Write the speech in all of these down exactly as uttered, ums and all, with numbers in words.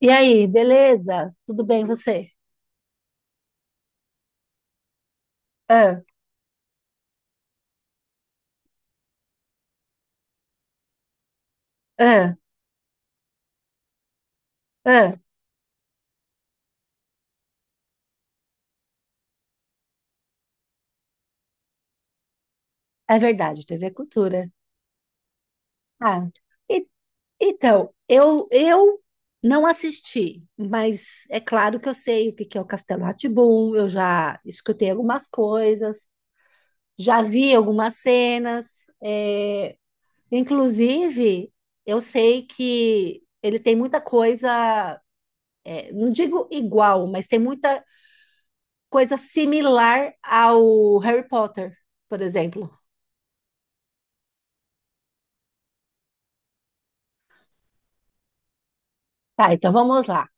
E aí, beleza? Tudo bem você? Ah, ah, ah. É verdade, T V é Cultura. Ah, e- então, eu eu não assisti, mas é claro que eu sei o que que é o Castelo Rá Tim. Eu já escutei algumas coisas, já vi algumas cenas. é, Inclusive, eu sei que ele tem muita coisa. É, não digo igual, mas tem muita coisa similar ao Harry Potter, por exemplo. Tá, então vamos lá.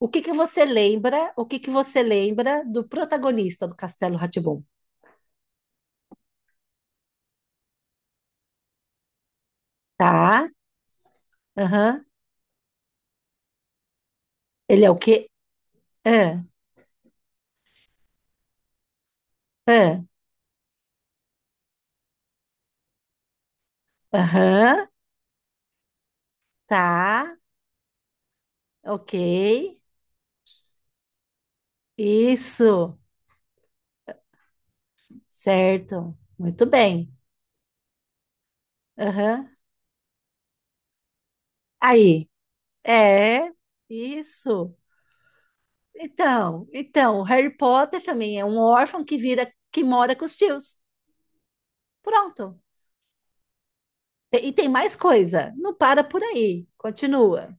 O que que você lembra? O que que você lembra do protagonista do Castelo Rá Tim? Tá? Aham. Ele é o quê? Ah, ah. Aham. Tá. Ok. Isso. Certo. Muito bem. Aham. Aí. É. Isso. Então, então, o Harry Potter também é um órfão que vira, que mora com os tios. Pronto. E tem mais coisa, não para por aí, continua.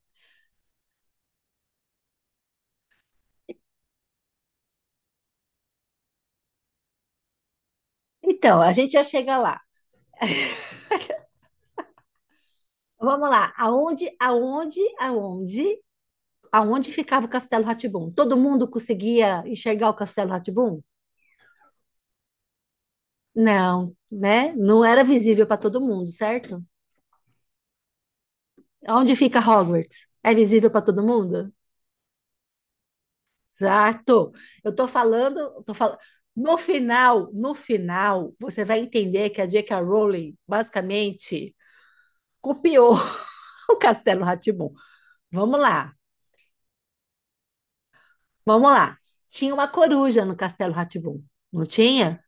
Então, a gente já chega lá. Vamos lá. Aonde, aonde, aonde, aonde ficava o Castelo Rá? Todo mundo conseguia enxergar o Castelo Rá? Não, né? Não era visível para todo mundo, certo? Aonde fica Hogwarts? É visível para todo mundo? Certo. Eu tô falando, eu tô falando. No final, no final, você vai entender que a jota ka. Rowling basicamente copiou o Castelo Rá. Vamos lá, vamos lá. Tinha uma coruja no Castelo Rá, não tinha?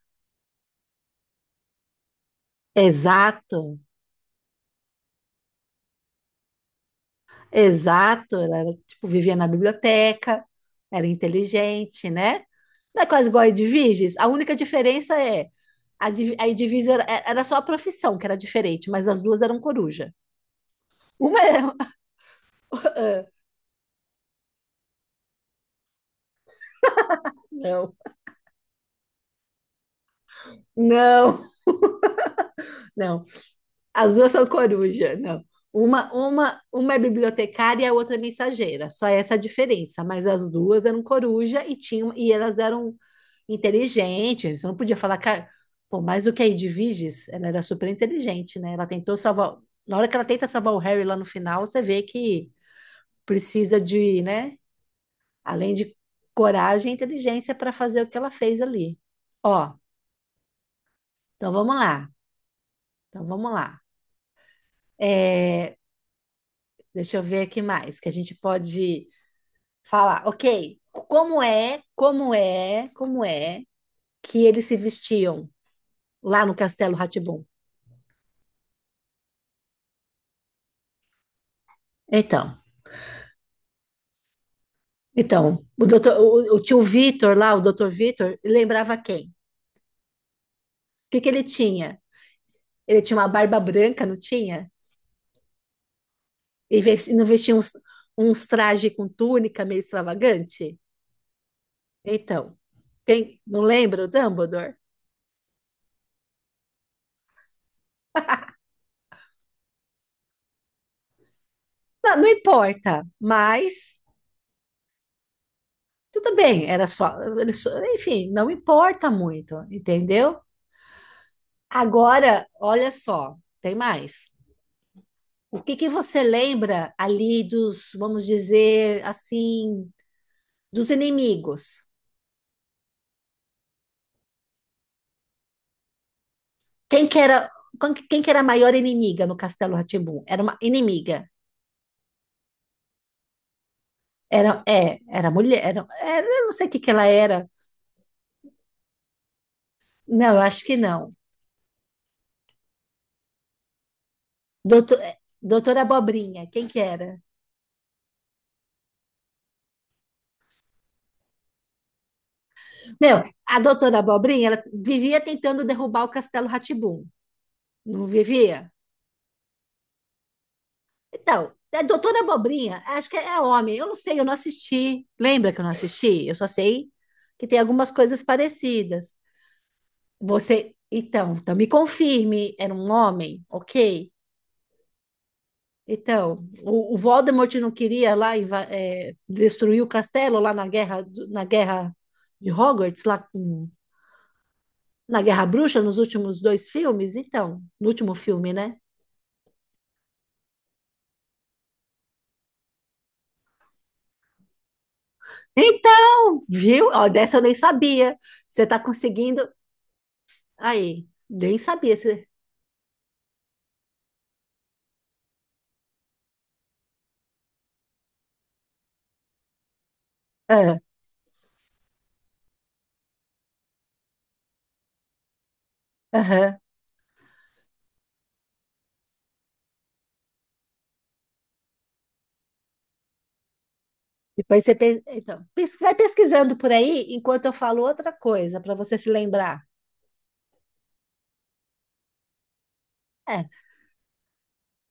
Exato, exato. Ela era, tipo, vivia na biblioteca, era inteligente, né? Não é quase igual a Edviges? A única diferença é a, Div- a Edviges era, é, era só a profissão que era diferente, mas as duas eram coruja. Uma é... Não, não, não. As duas são coruja, não. Uma, uma, uma é bibliotecária e a outra é mensageira. Só essa a diferença. Mas as duas eram coruja e tinham e elas eram inteligentes. Não podia falar, cara, pô, mais do que a Edwiges, ela era super inteligente, né? Ela tentou salvar. Na hora que ela tenta salvar o Harry lá no final, você vê que precisa de, né? Além de coragem e inteligência para fazer o que ela fez ali. Ó, então vamos lá. Então vamos lá. É, Deixa eu ver aqui mais que a gente pode falar. Ok, como é, como é, como é que eles se vestiam lá no Castelo Rá? Então, então, o doutor, o, o tio Vitor lá, o doutor Vitor, ele lembrava quem? O que, que ele tinha? Ele tinha uma barba branca, não tinha? E ves- não vestia uns, uns trajes com túnica meio extravagante? Então, quem- não lembra o Dumbledore? Não, não importa, mas... Tudo bem, era só, ele só- enfim, não importa muito, entendeu? Agora, olha só, tem mais. O que que você lembra ali dos, vamos dizer assim, dos inimigos? Quem que era, quem que quem que era a maior inimiga no Castelo Rá? Era uma inimiga. Era, é, era mulher, era, era- eu não sei o que que ela era. Não, eu acho que não. Doutor, é, doutora Abobrinha, quem que era? Meu, a doutora Abobrinha, ela vivia tentando derrubar o Castelo Rá. Não vivia? Então, é Doutora Abobrinha, acho que é é homem. Eu não sei, eu não assisti. Lembra que eu não assisti? Eu só sei que tem algumas coisas parecidas. Você, então, então me confirme, era um homem, ok? Então, o, o Voldemort não queria lá inva- eh, destruir o castelo lá na guerra, do- na guerra de Hogwarts, lá com- na Guerra Bruxa, nos últimos dois filmes? Então, no último filme, né? Então, viu? Ó, dessa eu nem sabia. Você está conseguindo. Aí, nem sabia se. Ah, aham. Depois você pe- então, pes- vai pesquisando por aí enquanto eu falo outra coisa para você se lembrar. É,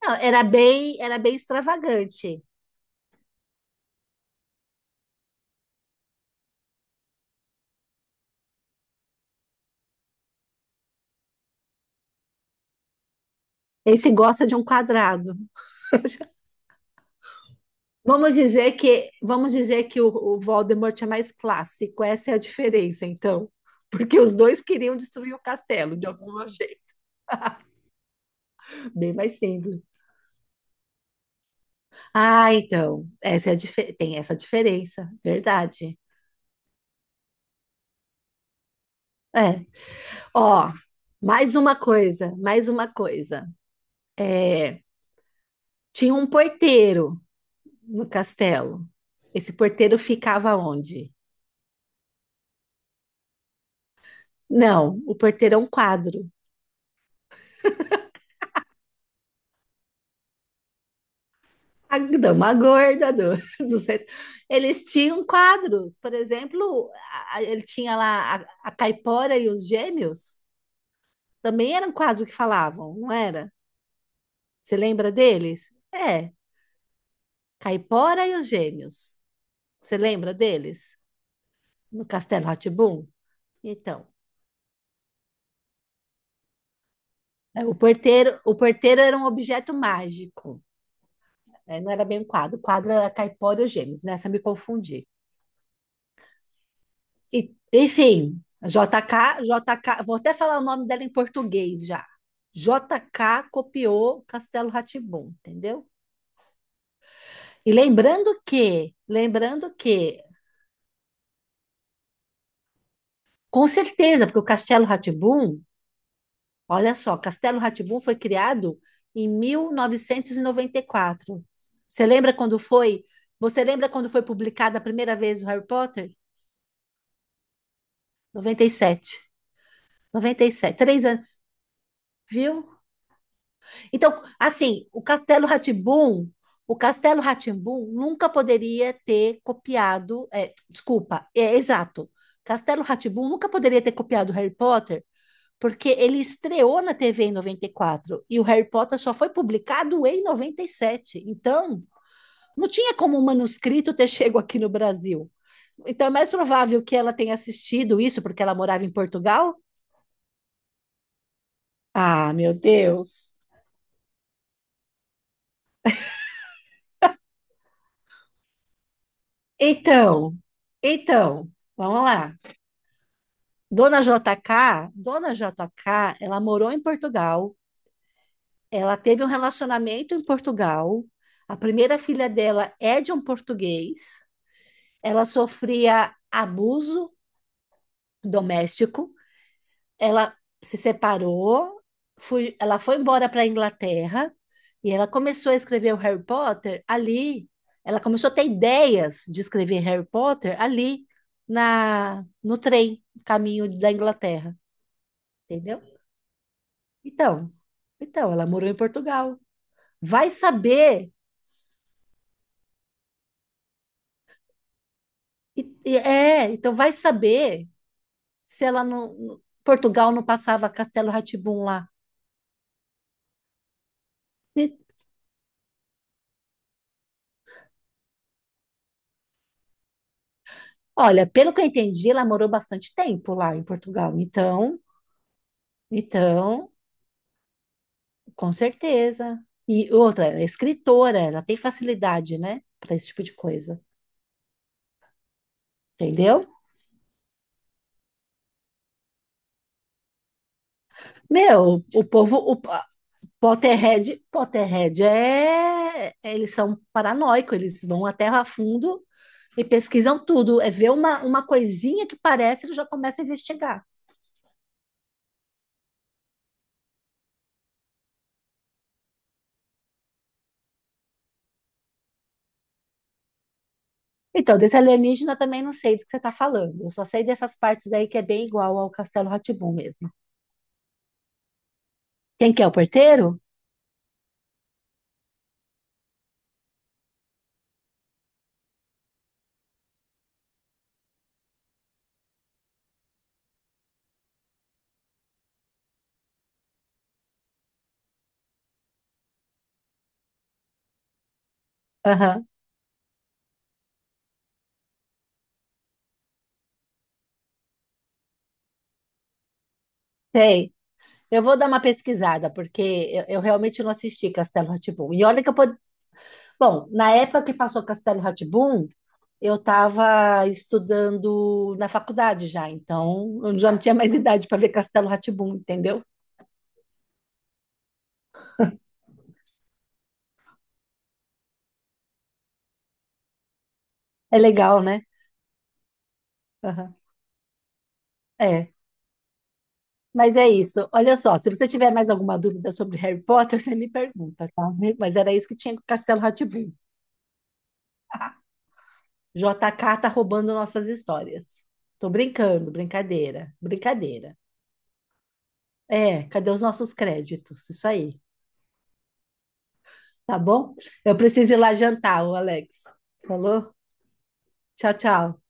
não, era bem, era bem extravagante. Esse gosta de um quadrado. Vamos dizer que, vamos dizer que o, o Voldemort é mais clássico. Essa é a diferença, então. Porque os dois queriam destruir o castelo, de algum jeito. Bem mais simples. Ah, então, essa é a dife- tem essa diferença, verdade. É. Ó, mais uma coisa, mais uma coisa. Tinha um porteiro no castelo. Esse porteiro ficava onde? Não, o porteiro é um quadro. A dama gorda do, do centro. Eles tinham quadros, por exemplo, a- a- ele tinha lá a, a Caipora e os Gêmeos. Também era um quadro que falavam, não era? Você lembra deles? É, Caipora e os Gêmeos. Você lembra deles? No Castelo Rá Tim. Então. É, O porteiro, o porteiro era um objeto mágico, né? Não era bem um quadro. O quadro era Caipora e os Gêmeos. Nessa eu me confundi. E, enfim, J K J K, vou até falar o nome dela em português já. J K copiou Castelo Rá, entendeu? E lembrando que, lembrando que, com certeza, porque o Castelo Rá... Olha só, Castelo Rá foi criado em mil novecentos e e noventa e quatro. Você lembra quando foi? Você lembra quando foi publicada a primeira vez o Harry Potter? Noventa noventa e sete, noventa e sete, três anos, viu? Então, assim, o Castelo rá o Castelo Rá nunca poderia ter copiado, é, desculpa, é exato. Castelo Rá nunca poderia ter copiado o Harry Potter. Porque ele estreou na T V em noventa e quatro e o Harry Potter só foi publicado em noventa e sete. Então, não tinha como o manuscrito ter chego aqui no Brasil. Então, é mais provável que ela tenha assistido isso porque ela morava em Portugal? Ah, meu Deus. Então, então, vamos lá. Dona J K, Dona J K, ela morou em Portugal, ela teve um relacionamento em Portugal, a primeira filha dela é de um português. Ela sofria abuso doméstico, ela se separou, fui- ela foi embora para a Inglaterra e ela começou a escrever o Harry Potter ali. Ela começou a ter ideias de escrever Harry Potter ali na no trem, caminho da Inglaterra, entendeu? Então, então ela morou em Portugal. Vai saber, e- e- é, então vai saber se ela não, Portugal não passava Castelo Rá lá. Olha, pelo que eu entendi, ela morou bastante tempo lá em Portugal. Então, então, com certeza. E outra, ela é escritora, ela tem facilidade, né, para esse tipo de coisa. Entendeu? Meu, o povo, o pa- Potterhead, Potterhead é, eles são paranoicos, eles vão até a fundo e pesquisam tudo. É ver uma, uma coisinha que parece, eles já começam a investigar. Então, desse alienígena eu também não sei do que você está falando. Eu só sei dessas partes aí que é bem igual ao Castelo Rá mesmo. Quem que é o porteiro? Aham, sei. Eu vou dar uma pesquisada, porque eu, eu realmente não assisti Castelo Rá Tim. E olha que eu pod... Bom, na época que passou Castelo Rá Tim, eu estava estudando na faculdade já, então eu já não tinha mais idade para ver Castelo Rá Tim, entendeu? É legal, né? Aham. É. Mas é isso. Olha só, se você tiver mais alguma dúvida sobre Harry Potter, você me pergunta, tá? Mas era isso que tinha com Castelo Rá Tim. jota ka tá roubando nossas histórias. Tô brincando, brincadeira, brincadeira. É, cadê os nossos créditos? Isso aí, tá bom? Eu preciso ir lá jantar, o Alex. Falou? Tchau, tchau.